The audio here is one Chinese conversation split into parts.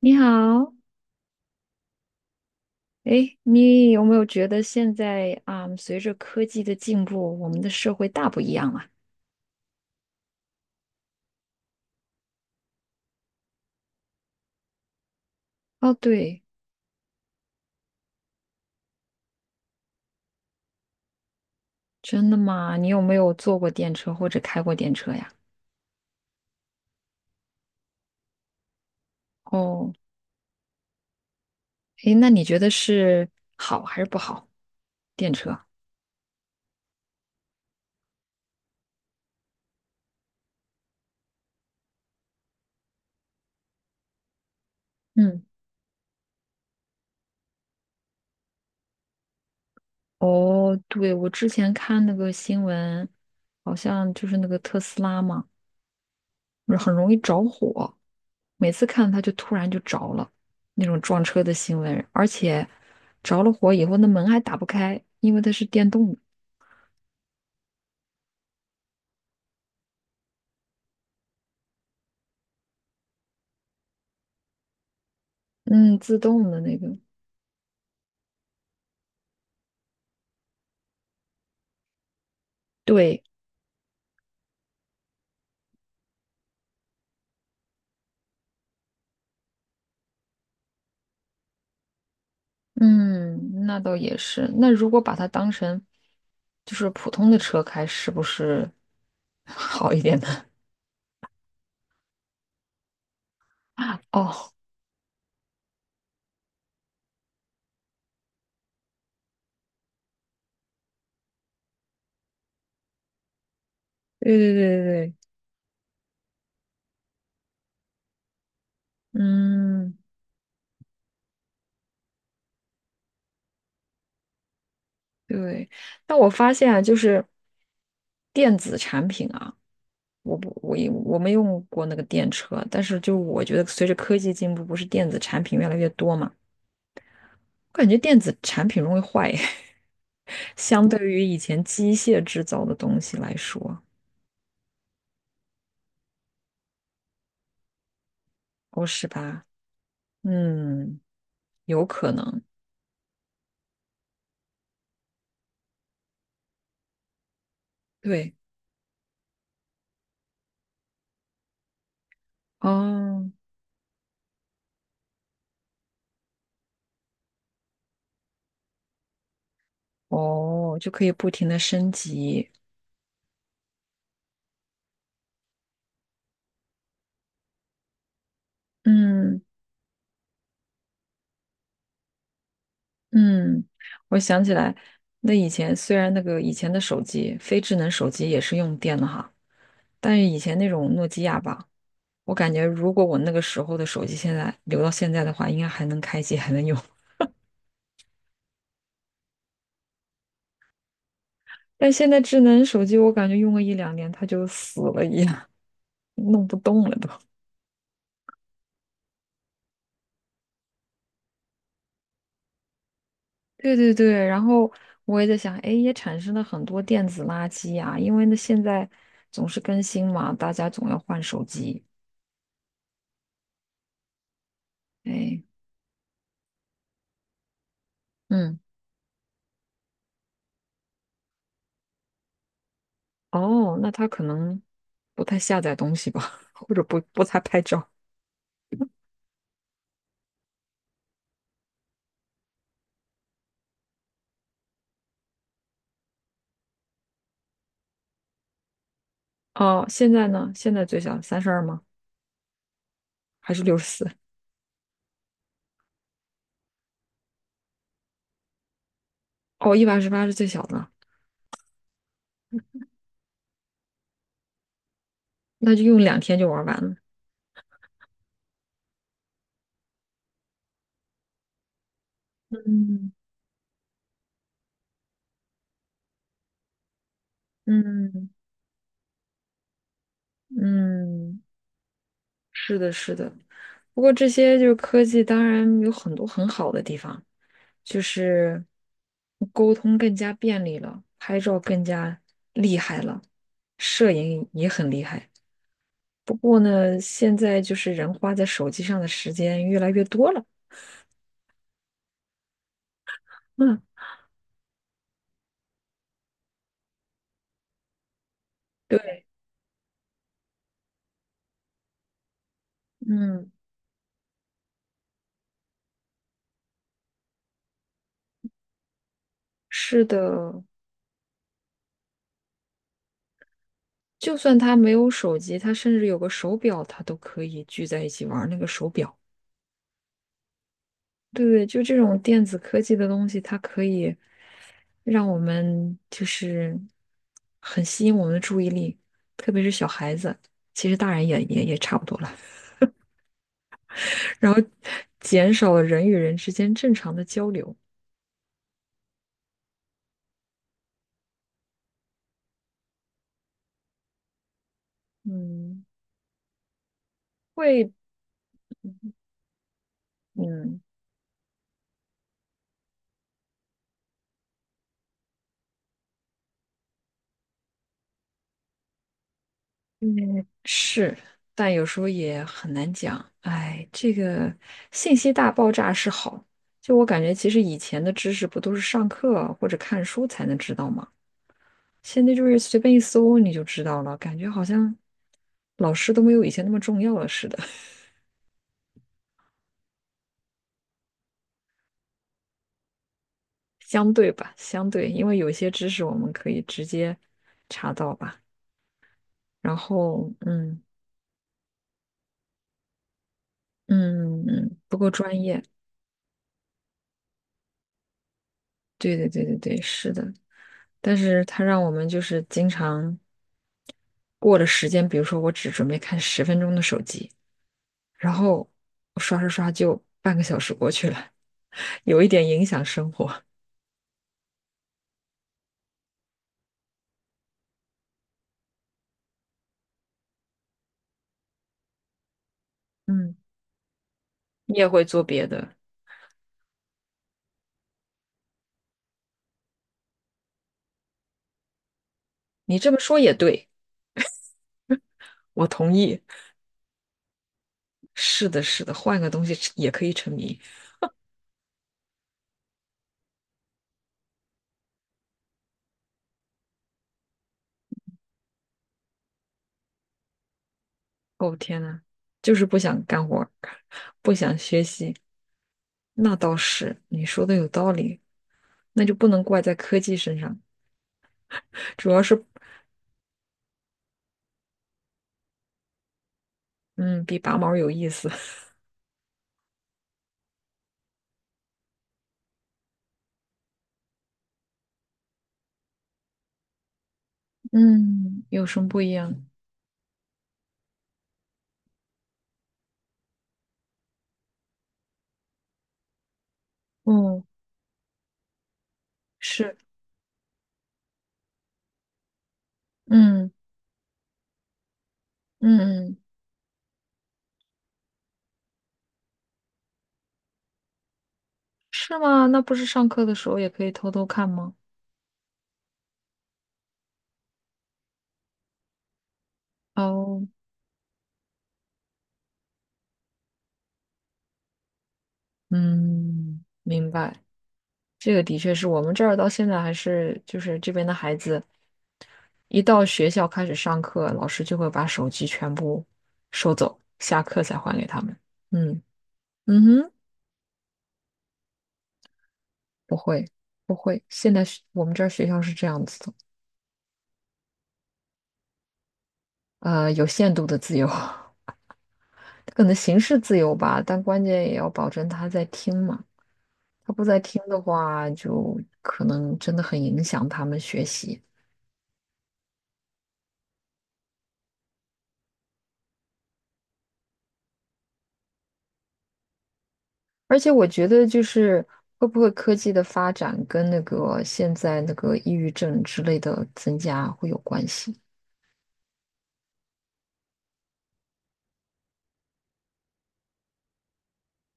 你好。哎，你有没有觉得现在啊，随着科技的进步，我们的社会大不一样了？哦，对。真的吗？你有没有坐过电车或者开过电车呀？哦，哎，那你觉得是好还是不好？电车？嗯，哦，对，我之前看那个新闻，好像就是那个特斯拉嘛。很容易着火，每次看它就突然就着了，那种撞车的新闻，而且着了火以后那门还打不开，因为它是电动的。嗯，自动的那个。对，嗯，那倒也是。那如果把它当成就是普通的车开，是不是 好一点呢？哦，对对对对对，嗯，对。但我发现啊，就是电子产品啊。我不，我也我没用过那个电车，但是就我觉得随着科技进步，不是电子产品越来越多嘛。我感觉电子产品容易坏，相对于以前机械制造的东西来说。哦，是吧？嗯，有可能。对，哦哦，就可以不停的升级。嗯嗯，我想起来。那以前虽然那个以前的手机，非智能手机也是用电的哈，但是以前那种诺基亚吧。我感觉如果我那个时候的手机现在留到现在的话，应该还能开机，还能用。但现在智能手机，我感觉用个一两年它就死了一样，弄不动了都。对对对，然后我也在想，哎，也产生了很多电子垃圾呀、因为呢现在总是更新嘛，大家总要换手机。哎，嗯，哦，那他可能不太下载东西吧，或者不太拍照。哦，现在呢？现在最小32吗？还是64？哦，128是最小的。那就用2天就玩完了。嗯嗯嗯，是的，是的。不过这些就是科技，当然有很多很好的地方，就是沟通更加便利了，拍照更加厉害了，摄影也很厉害。不过呢，现在就是人花在手机上的时间越来越多了。嗯，对，嗯，是的。就算他没有手机，他甚至有个手表，他都可以聚在一起玩那个手表。对对，就这种电子科技的东西，它可以让我们就是很吸引我们的注意力，特别是小孩子，其实大人也差不多了。然后减少了人与人之间正常的交流。嗯，会，嗯嗯是，但有时候也很难讲。哎，这个信息大爆炸是好，就我感觉，其实以前的知识不都是上课啊或者看书才能知道吗？现在就是随便一搜你就知道了，感觉好像老师都没有以前那么重要了似的。相对吧，相对，因为有些知识我们可以直接查到吧。然后，嗯嗯嗯，不够专业。对对对对对，是的。但是它让我们就是经常过了时间，比如说我只准备看10分钟的手机，然后我刷刷刷就半个小时过去了，有一点影响生活。嗯，你也会做别的。你这么说也对，我同意。是的，是的，换个东西吃也可以沉迷。哦，天呐，就是不想干活儿不想学习。那倒是，你说的有道理，那就不能怪在科技身上，主要是，嗯，比拔毛有意思。嗯，有什么不一样？哦，是，嗯嗯嗯，是吗？那不是上课的时候也可以偷偷看吗？哦，嗯，明白。这个的确是我们这儿到现在还是就是这边的孩子。一到学校开始上课，老师就会把手机全部收走，下课才还给他们。嗯嗯哼，不会不会，现在我们这儿学校是这样子的。有限度的自由，可能形式自由吧，但关键也要保证他在听嘛。他不在听的话，就可能真的很影响他们学习。而且我觉得，就是会不会科技的发展跟那个现在那个抑郁症之类的增加会有关系。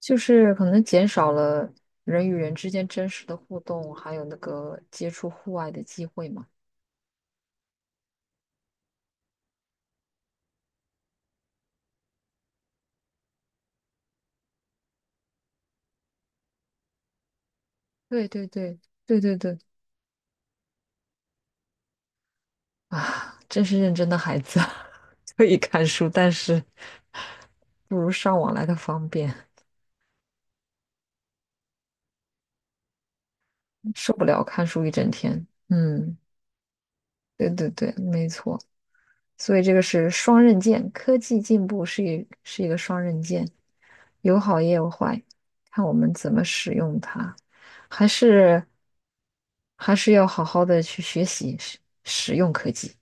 就是可能减少了人与人之间真实的互动，还有那个接触户外的机会嘛。对对对对对对，啊，真是认真的孩子，可以看书，但是不如上网来的方便，受不了看书一整天。嗯，对对对，没错。所以这个是双刃剑，科技进步是一个双刃剑，有好也有坏，看我们怎么使用它。还是还是要好好的去学习使用科技。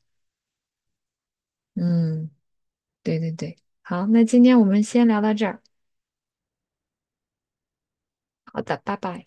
嗯，对对对。好，那今天我们先聊到这儿。好的，拜拜。